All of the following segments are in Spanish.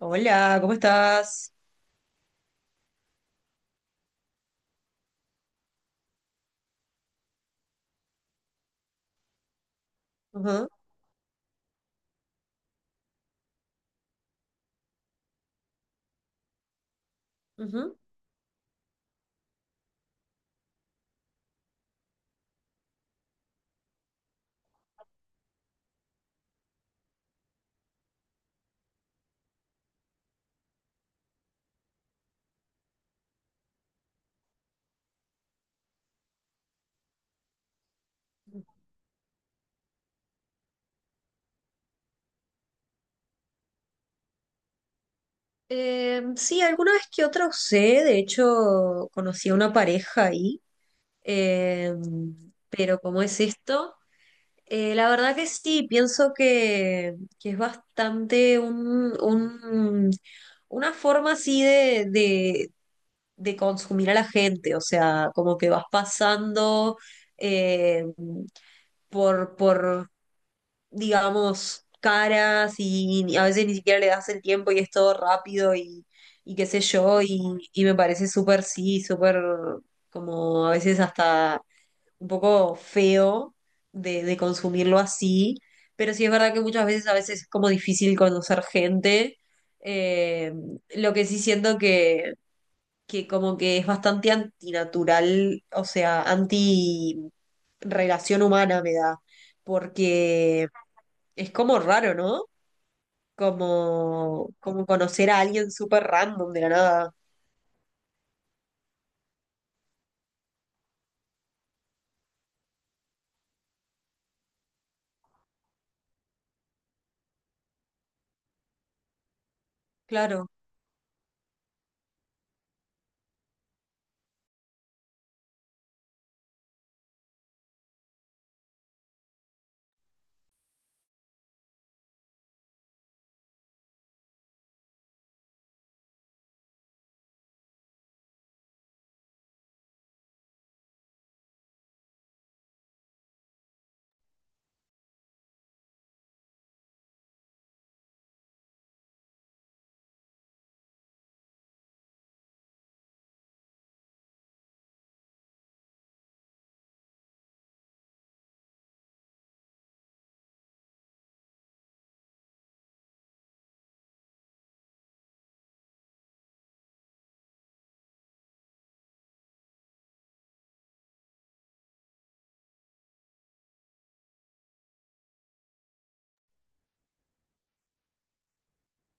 Hola, ¿cómo estás? Ujú, ujú. Sí, alguna vez que otra usé, de hecho conocí a una pareja ahí, eh, pero ¿cómo es esto? La verdad que sí, pienso que es bastante una forma así de consumir a la gente, o sea, como que vas pasando eh, por, digamos, caras y a veces ni siquiera le das el tiempo y es todo rápido y qué sé yo, y me parece súper, sí, súper como a veces hasta un poco feo de consumirlo así, pero sí es verdad que muchas veces a veces es como difícil conocer gente. Eh, lo que sí siento que como que es bastante antinatural, o sea, anti relación humana me da porque es como raro, ¿no? Como conocer a alguien súper random de la nada. Claro,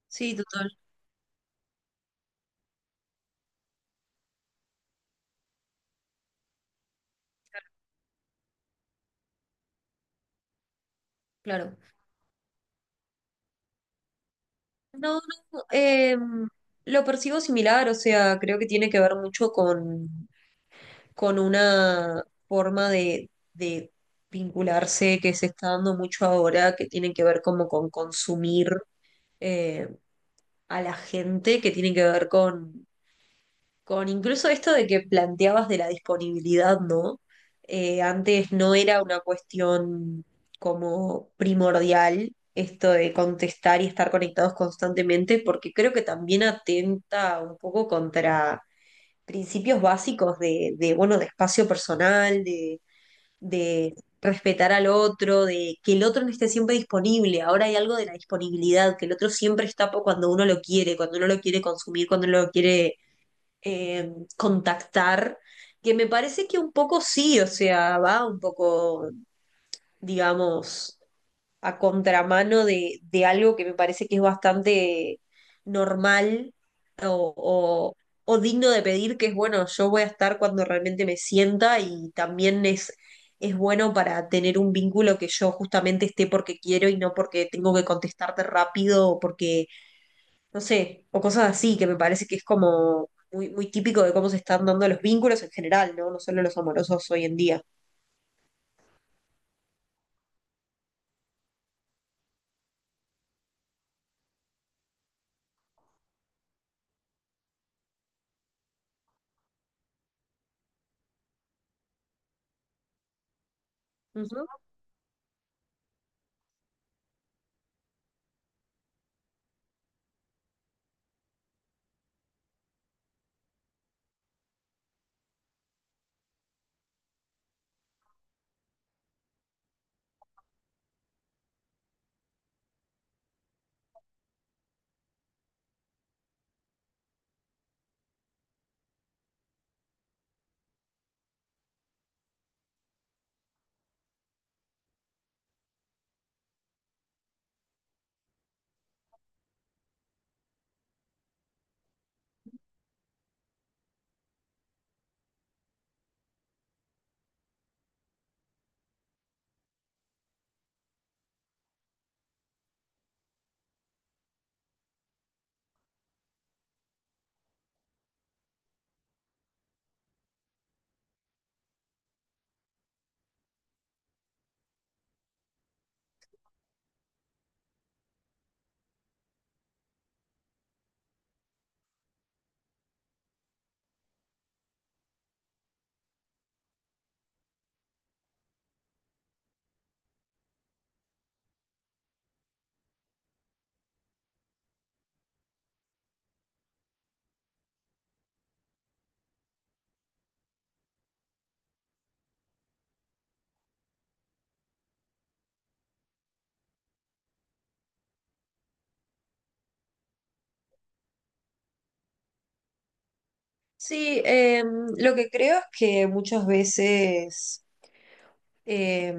sí, total, claro. No, no, lo percibo similar, o sea, creo que tiene que ver mucho con una forma de vincularse que se está dando mucho ahora, que tiene que ver como con consumir eh, a la gente, que tiene que ver con incluso esto de que planteabas de la disponibilidad, ¿no? Antes no era una cuestión como primordial esto de contestar y estar conectados constantemente, porque creo que también atenta un poco contra principios básicos bueno, de espacio personal, de respetar al otro, de que el otro no esté siempre disponible. Ahora hay algo de la disponibilidad, que el otro siempre está cuando uno lo quiere, cuando uno lo quiere consumir, cuando uno lo quiere contactar, que me parece que un poco sí, o sea, va un poco, digamos, a contramano de algo que me parece que es bastante normal o, o- o digno de pedir, que es bueno, yo voy a estar cuando realmente me sienta y también es bueno para tener un vínculo que yo justamente esté porque quiero y no porque tengo que contestarte rápido o porque no sé, o cosas así, que me parece que es como muy, muy típico de cómo se están dando los vínculos en general, ¿no? No solo los amorosos hoy en día. Ujú. Sí, lo que creo es que muchas veces eh,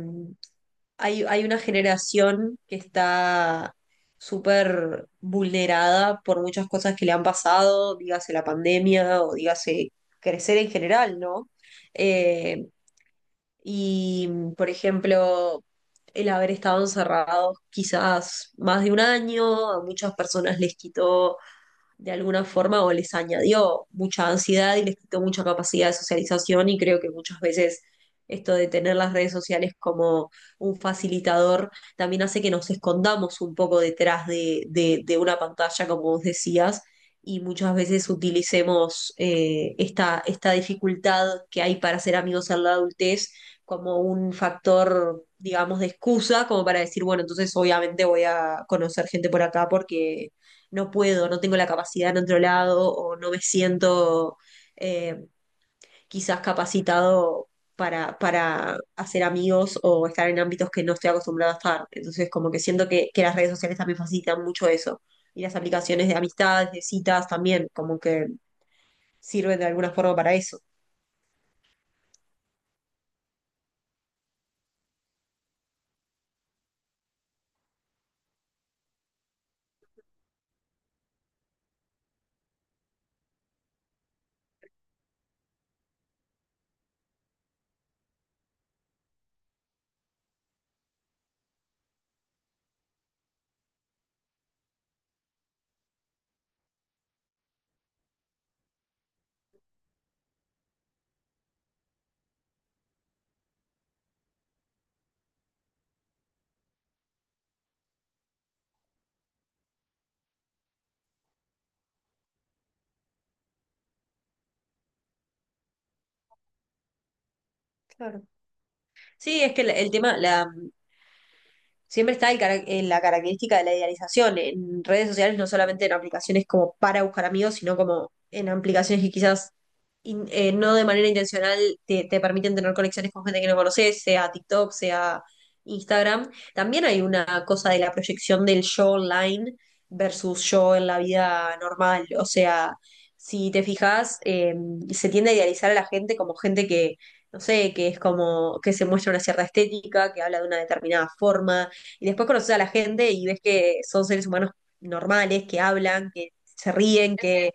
hay una generación que está súper vulnerada por muchas cosas que le han pasado, dígase la pandemia o dígase crecer en general, ¿no? Eh, Y, por ejemplo, el haber estado encerrados quizás más de un año, a muchas personas les quitó de alguna forma o les añadió mucha ansiedad y les quitó mucha capacidad de socialización y creo que muchas veces esto de tener las redes sociales como un facilitador también hace que nos escondamos un poco detrás de una pantalla, como vos decías, y muchas veces utilicemos esta dificultad que hay para ser amigos en la adultez como un factor, digamos, de excusa, como para decir, bueno, entonces obviamente voy a conocer gente por acá porque no puedo, no tengo la capacidad en otro lado o no me siento eh, quizás capacitado para hacer amigos o estar en ámbitos que no estoy acostumbrado a estar. Entonces, como que siento que las redes sociales también facilitan mucho eso. Y las aplicaciones de amistades, de citas también, como que sirven de alguna forma para eso. Claro. Sí, es que el tema, la, siempre está el en la característica de la idealización en redes sociales, no solamente en aplicaciones como para buscar amigos, sino como en aplicaciones que quizás no de manera intencional te permiten tener conexiones con gente que no conoces, sea TikTok, sea Instagram. También hay una cosa de la proyección del yo online versus yo en la vida normal. O sea, si te fijas, se tiende a idealizar a la gente como gente que... No sé, que es como que se muestra una cierta estética, que habla de una determinada forma, y después conoces a la gente y ves que son seres humanos normales, que hablan, que se ríen,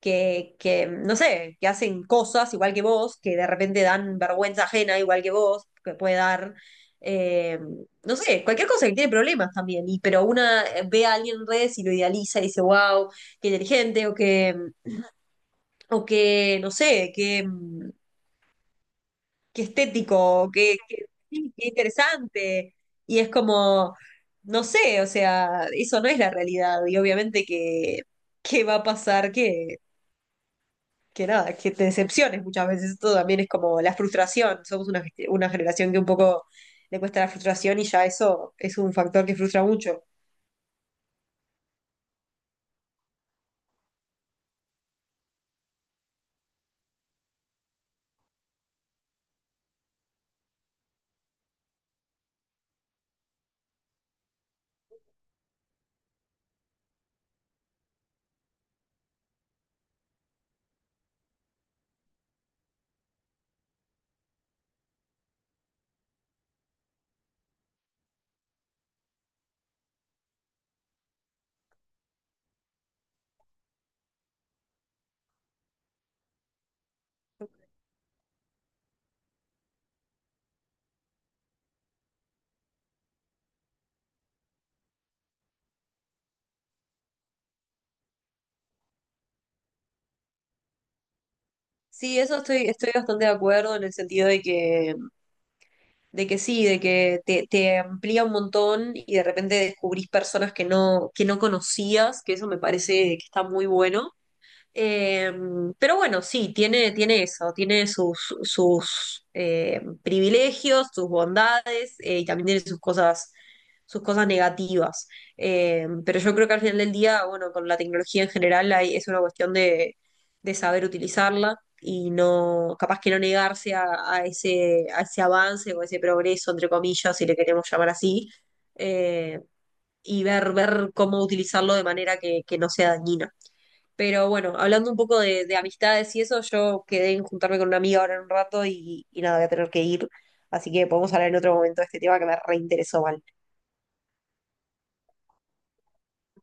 que, no sé, que hacen cosas igual que vos, que de repente dan vergüenza ajena igual que vos, que puede dar, eh, no sé, cualquier cosa que tiene problemas también, y, pero una ve a alguien en redes y lo idealiza y dice, wow, qué inteligente, o que, no sé, qué estético, qué, sí, qué interesante. Y es como, no sé, o sea, eso no es la realidad. Y obviamente que va a pasar que nada, que te decepciones muchas veces. Esto también es como la frustración. Somos una, una generación que un poco le cuesta la frustración y ya eso es un factor que frustra mucho. Sí, eso estoy bastante de acuerdo en el sentido de que sí, de que te amplía un montón y de repente descubrís personas que no conocías, que eso me parece que está muy bueno. Eh, pero bueno, sí, tiene, tiene eso, tiene sus, sus privilegios, sus bondades y también tiene sus cosas negativas. Pero yo creo que al final del día, bueno, con la tecnología en general es una cuestión de saber utilizarla y no, capaz que no negarse a ese avance o ese progreso, entre comillas, si le queremos llamar así, eh, y ver, ver cómo utilizarlo de manera que no sea dañina. Pero bueno, hablando un poco de amistades y eso, yo quedé en juntarme con una amiga ahora en un rato y nada, voy a tener que ir. Así que podemos hablar en otro momento de este tema que me reinteresó mal.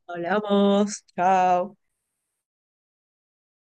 Hablamos, chao.